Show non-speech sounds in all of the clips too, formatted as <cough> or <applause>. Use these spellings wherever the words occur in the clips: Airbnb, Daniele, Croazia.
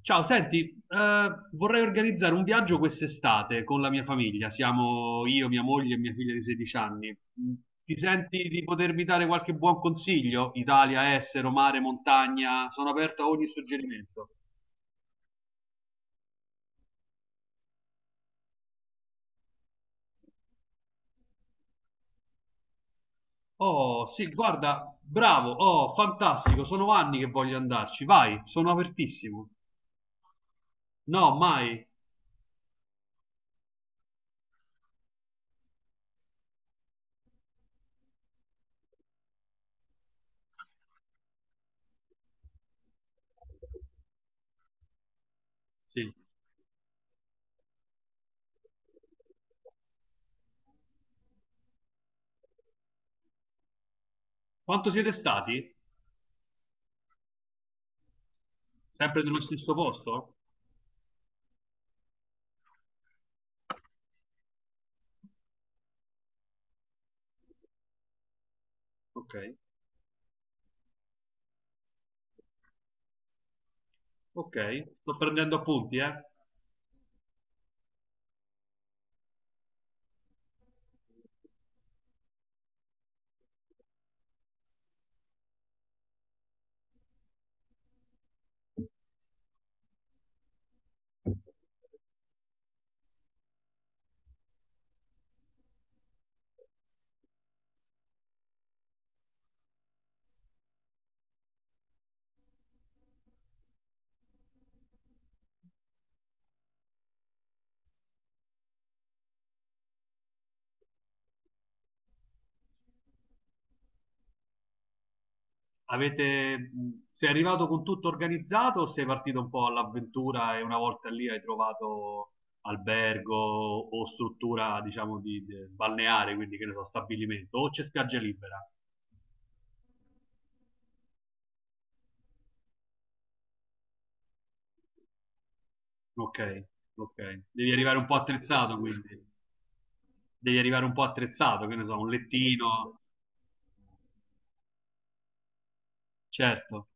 Ciao, senti, vorrei organizzare un viaggio quest'estate con la mia famiglia. Siamo io, mia moglie e mia figlia di 16 anni. Mm, ti senti di potermi dare qualche buon consiglio? Italia, estero, mare, montagna, sono aperto a ogni suggerimento. Oh, sì, guarda, bravo, oh, fantastico, sono anni che voglio andarci. Vai, sono apertissimo. No, mai. Sì. Quanto siete stati? Sempre nello stesso posto? Ok, ok, sto prendendo appunti, eh. Avete, sei arrivato con tutto organizzato o sei partito un po' all'avventura e una volta lì hai trovato albergo o struttura, diciamo, balneare, quindi che ne so, stabilimento, o c'è spiaggia libera? Ok, ok. Devi arrivare un po' attrezzato, quindi. Devi arrivare un po' attrezzato, che ne so, un lettino, certo,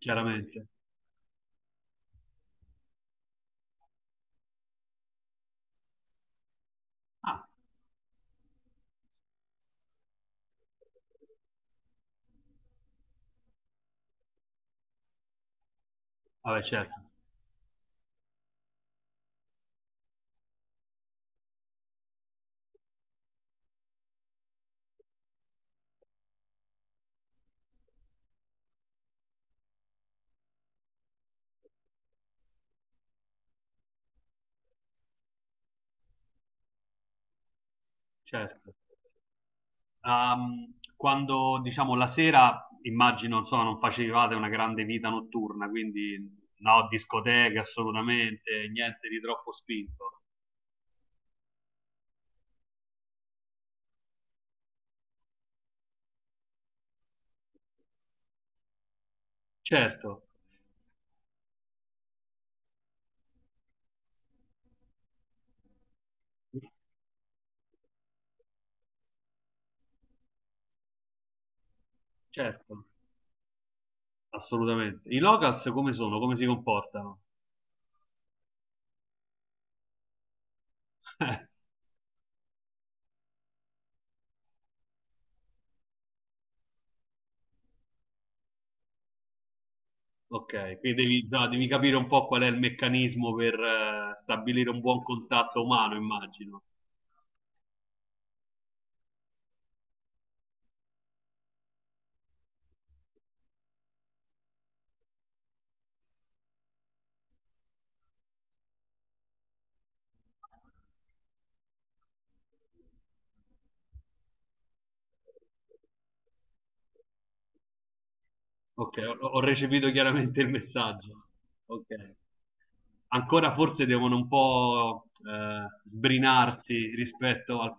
chiaramente. Ah, vabbè, certo, certo. Quando diciamo la sera, immagino, insomma, non facevate una grande vita notturna, quindi no, discoteche assolutamente, niente di troppo spinto. Certo, certo, assolutamente. I locals come sono? Come si comportano? <laughs> Eh, ok, quindi devi, no, devi capire un po' qual è il meccanismo per stabilire un buon contatto umano, immagino. Ok, ho recepito chiaramente il messaggio. Ok, ancora forse devono un po' sbrinarsi rispetto al...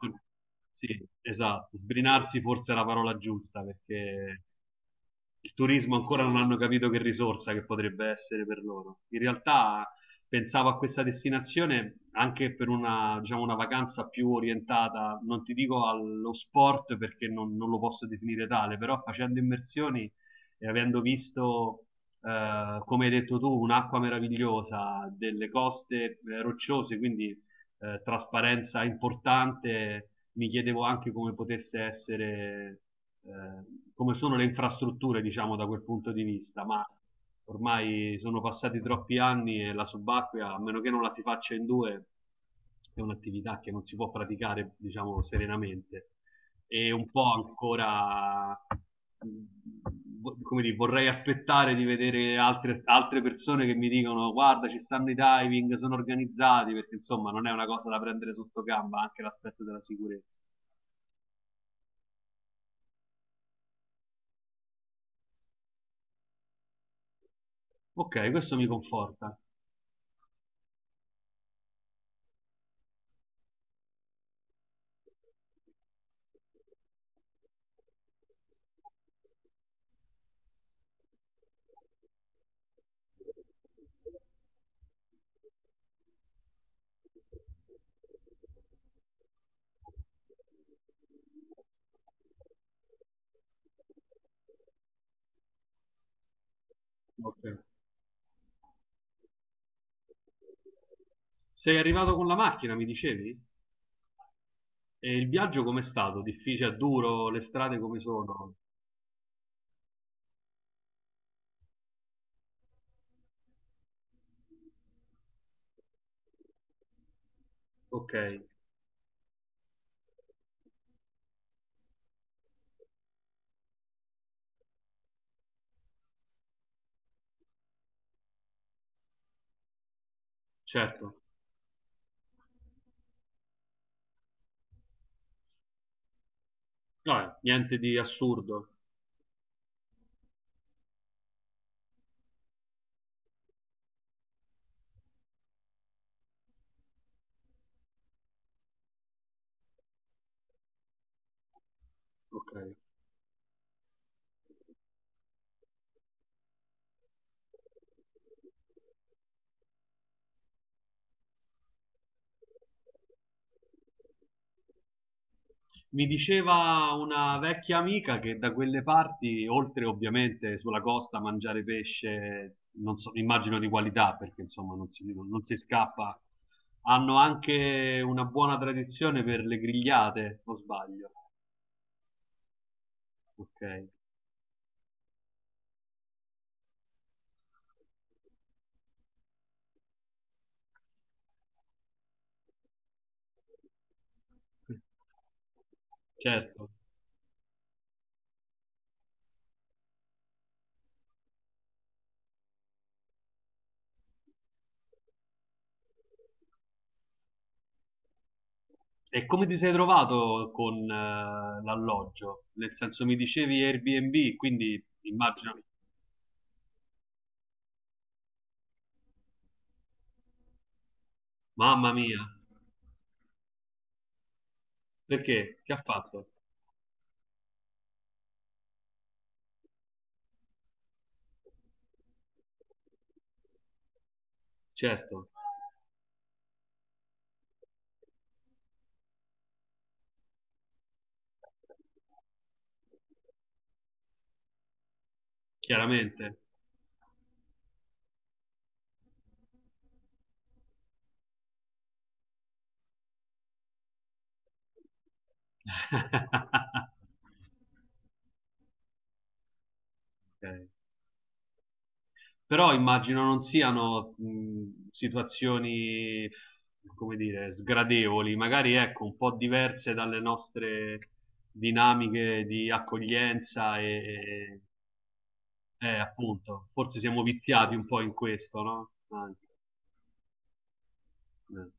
Sì, esatto, sbrinarsi forse è la parola giusta perché il turismo ancora non hanno capito che risorsa che potrebbe essere per loro. In realtà pensavo a questa destinazione anche per una, diciamo, una vacanza più orientata, non ti dico allo sport perché non lo posso definire tale, però facendo immersioni e avendo visto, come hai detto tu, un'acqua meravigliosa, delle coste rocciose, quindi trasparenza importante, mi chiedevo anche come potesse essere, eh, come sono le infrastrutture, diciamo, da quel punto di vista, ma ormai sono passati troppi anni e la subacquea, a meno che non la si faccia in due, è un'attività che non si può praticare, diciamo, serenamente. E un po' ancora, come dire, vorrei aspettare di vedere altre persone che mi dicono guarda, ci stanno i diving, sono organizzati, perché insomma non è una cosa da prendere sotto gamba, anche l'aspetto della sicurezza. Ok, questo mi conforta. Ok. Sei arrivato con la macchina, mi dicevi? E il viaggio com'è stato? Difficile, duro, le strade come sono? Ok, certo. Vabbè, niente di assurdo. Ok. Mi diceva una vecchia amica che da quelle parti, oltre ovviamente sulla costa, mangiare pesce, non so, immagino di qualità, perché insomma non si scappa, hanno anche una buona tradizione per le grigliate, o sbaglio. Ok. Certo. E come ti sei trovato con l'alloggio? Nel senso mi dicevi Airbnb, quindi immagino, mamma mia, perché? Che ha fatto? Certo, chiaramente. <laughs> Ok. Però immagino non siano situazioni, come dire, sgradevoli, magari ecco, un po' diverse dalle nostre dinamiche di accoglienza e, eh, appunto, forse siamo viziati un po' in questo, no? Anche. Eh,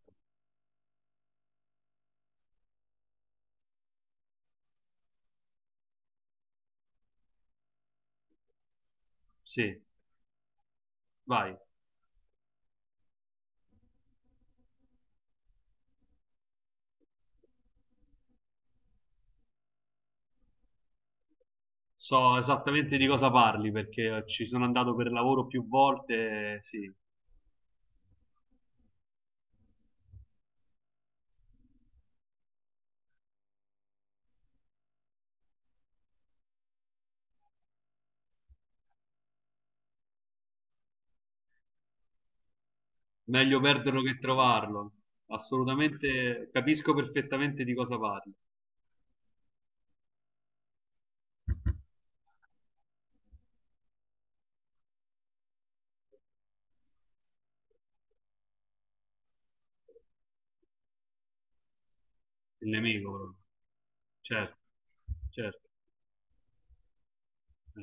Sì, vai. So esattamente di cosa parli perché ci sono andato per lavoro più volte, sì, meglio perderlo che trovarlo. Assolutamente, capisco perfettamente di cosa parli, il nemico, proprio. Certo, certo. Eh.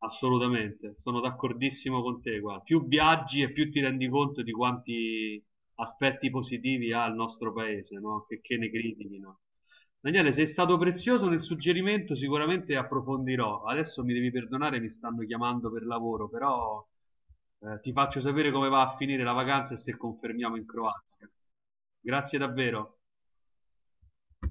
Assolutamente, sono d'accordissimo con te, guarda. Più viaggi e più ti rendi conto di quanti aspetti positivi ha il nostro paese, no? Che ne critichino. Daniele, sei stato prezioso nel suggerimento, sicuramente approfondirò. Adesso mi devi perdonare, mi stanno chiamando per lavoro, però ti faccio sapere come va a finire la vacanza e se confermiamo in Croazia. Grazie davvero.